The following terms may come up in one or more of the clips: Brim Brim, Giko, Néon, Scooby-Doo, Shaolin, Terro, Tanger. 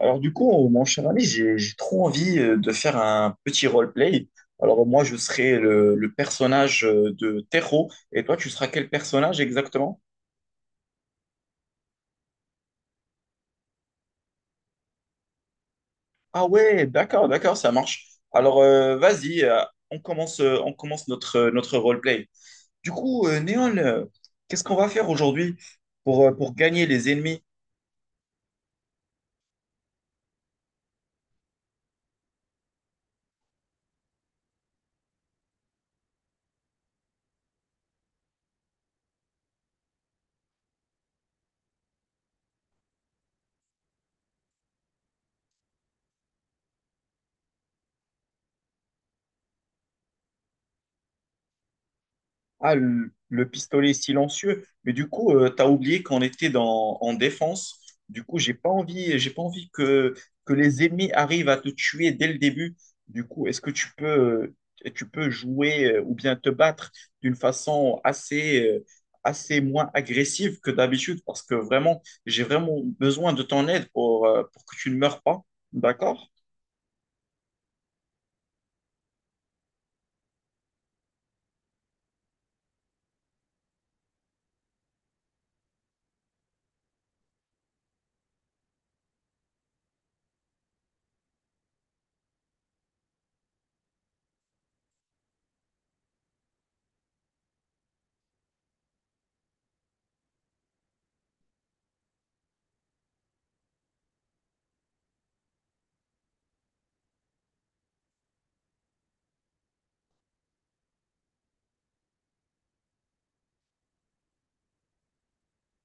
Mon cher ami, j'ai trop envie de faire un petit roleplay. Alors moi, je serai le personnage de Terro, et toi, tu seras quel personnage exactement? Ah ouais, d'accord, d'accord, ça marche. Alors vas-y, on commence notre roleplay. Néon, qu'est-ce qu'on va faire aujourd'hui pour gagner les ennemis? Ah, le pistolet silencieux. Mais du coup, t'as oublié qu'on était en défense. Du coup, j'ai pas envie que les ennemis arrivent à te tuer dès le début. Du coup, est-ce que tu peux jouer ou bien te battre d'une façon assez moins agressive que d'habitude? Parce que vraiment, j'ai vraiment besoin de ton aide pour que tu ne meurs pas. D'accord?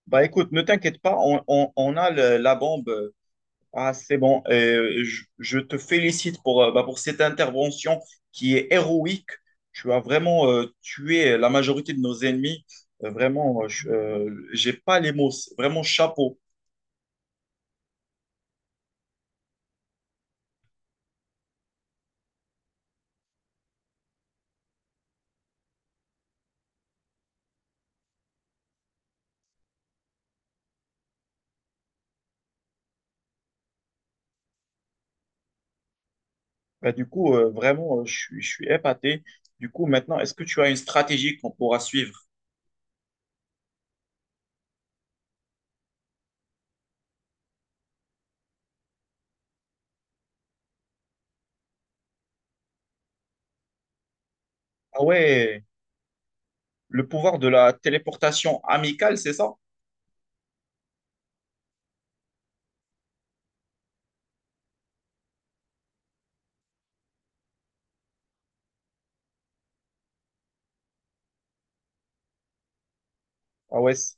Bah écoute, ne t'inquiète pas, on a la bombe. Ah, c'est bon. Je te félicite pour, bah, pour cette intervention qui est héroïque. Tu as vraiment tué la majorité de nos ennemis. Vraiment, je j'ai pas les mots. C'est vraiment, chapeau. Bah, du coup, je suis épaté. Du coup, maintenant, est-ce que tu as une stratégie qu'on pourra suivre? Ah ouais, le pouvoir de la téléportation amicale, c'est ça? Ah ouais. c'est-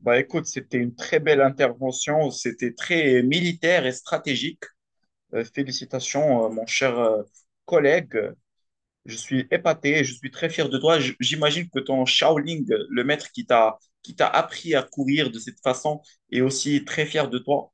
Bah écoute, c'était une très belle intervention. C'était très militaire et stratégique. Félicitations, mon cher collègue. Je suis épaté, je suis très fier de toi. J'imagine que ton Shaolin, le maître qui t'a appris à courir de cette façon, est aussi très fier de toi.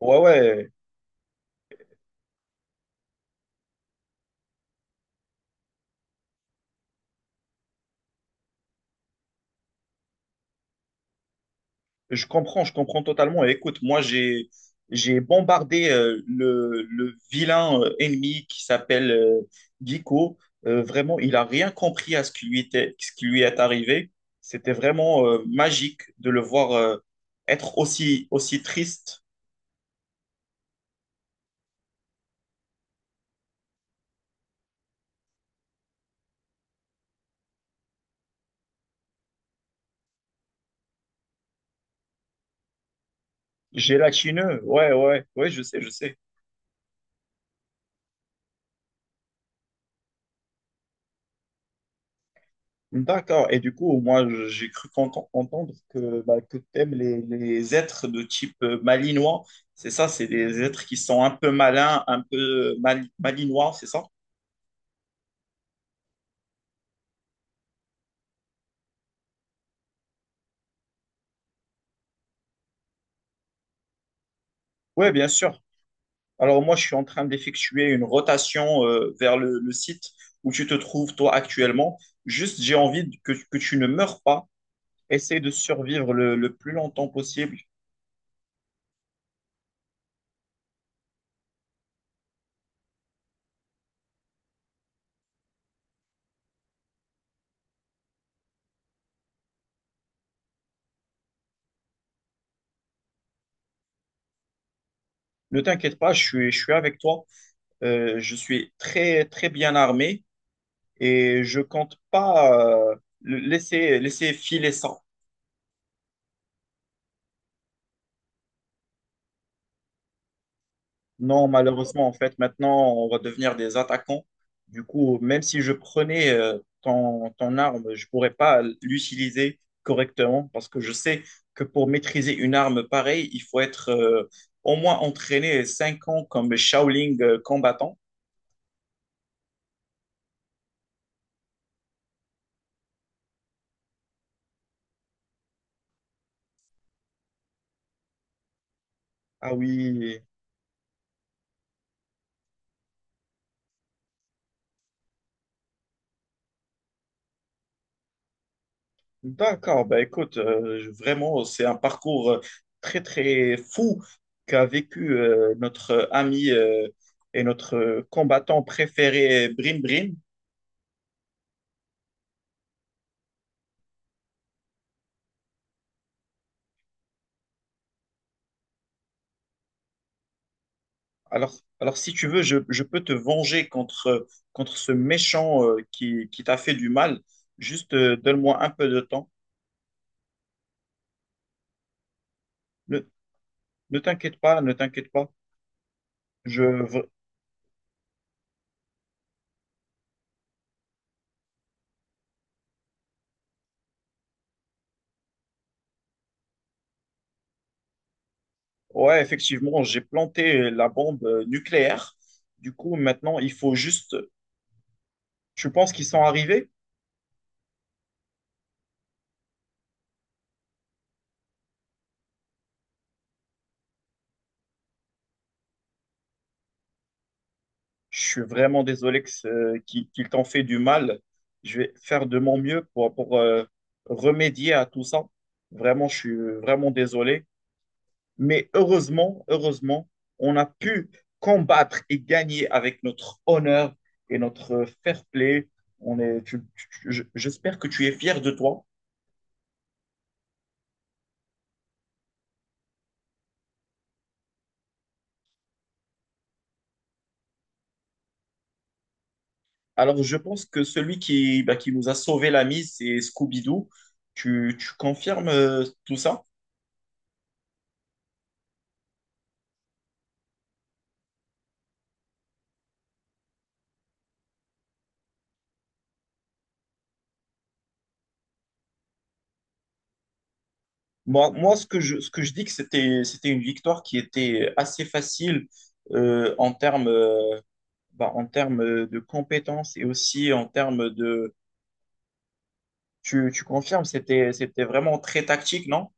Ouais, ouais. Je comprends totalement. Et écoute, moi, j'ai bombardé le vilain ennemi qui s'appelle Giko. Vraiment, il a rien compris à ce qui lui était, ce qui lui est arrivé. C'était vraiment magique de le voir être aussi, aussi triste, gélatineux. Ouais, ouais, ouais, je sais, je sais. D'accord. Et du coup, moi, j'ai cru entendre que, bah, que t'aimes les êtres de type malinois. C'est ça, c'est des êtres qui sont un peu malins, un peu malinois, c'est ça? Oui, bien sûr. Alors moi, je suis en train d'effectuer une rotation vers le site où tu te trouves, toi, actuellement. Juste, que tu ne meurs pas. Essaye de survivre le plus longtemps possible. Ne t'inquiète pas, je suis avec toi. Je suis très, très bien armé, et je compte pas laisser, laisser filer ça. Non, malheureusement, en fait, maintenant, on va devenir des attaquants. Du coup, même si je prenais ton arme, je pourrais pas l'utiliser correctement parce que je sais que pour maîtriser une arme pareille, il faut être au moins entraîné 5 ans comme Shaolin combattant. Ah oui, d'accord, bah écoute, vraiment, c'est un parcours très très fou qu'a vécu notre ami et notre combattant préféré, Brim Brim. Alors, alors si tu veux, je peux te venger contre, contre ce méchant qui t'a fait du mal. Juste donne-moi un peu de temps. Ne, ne t'inquiète pas, ne t'inquiète pas. Je, v- ouais, effectivement, j'ai planté la bombe nucléaire. Du coup, maintenant, il faut juste... Tu penses qu'ils sont arrivés? Je suis vraiment désolé qu'il qu'il t'en fait du mal. Je vais faire de mon mieux pour, pour remédier à tout ça. Vraiment, je suis vraiment désolé. Mais heureusement, heureusement, on a pu combattre et gagner avec notre honneur et notre fair play. On est, tu- tu- je- j'espère que tu es fier de toi. Alors, je pense que celui qui, bah, qui nous a sauvé la mise, c'est Scooby-Doo. Tu confirmes tout ça? Moi, moi, ce que je dis que c'était, c'était une victoire qui était assez facile euh, en termes, euh, bah, en termes de compétences et aussi en termes de... Tu confirmes, c'était, c'était vraiment très tactique, non?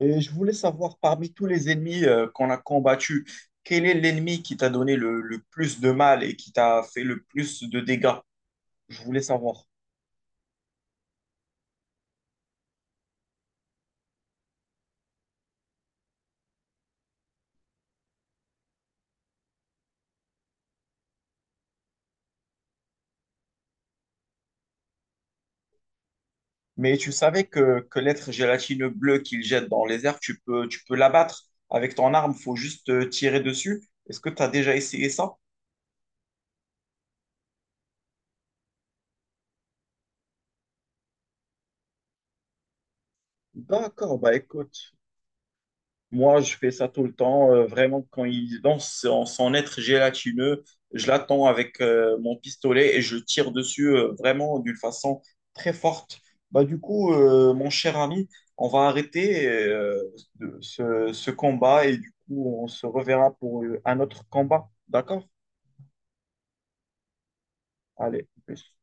Et je voulais savoir, parmi tous les ennemis qu'on a combattus, quel est l'ennemi qui t'a donné le plus de mal et qui t'a fait le plus de dégâts? Je voulais savoir. Mais tu savais que l'être gélatineux bleu qu'il jette dans les airs, tu peux l'abattre avec ton arme, faut juste tirer dessus. Est-ce que tu as déjà essayé ça? D'accord, bah écoute, moi je fais ça tout le temps, vraiment quand il lance en son être gélatineux, je l'attends avec mon pistolet et je tire dessus vraiment d'une façon très forte. Bah du coup, mon cher ami, on va arrêter ce, ce combat et du coup on se reverra pour un autre combat, d'accord? Allez, plus.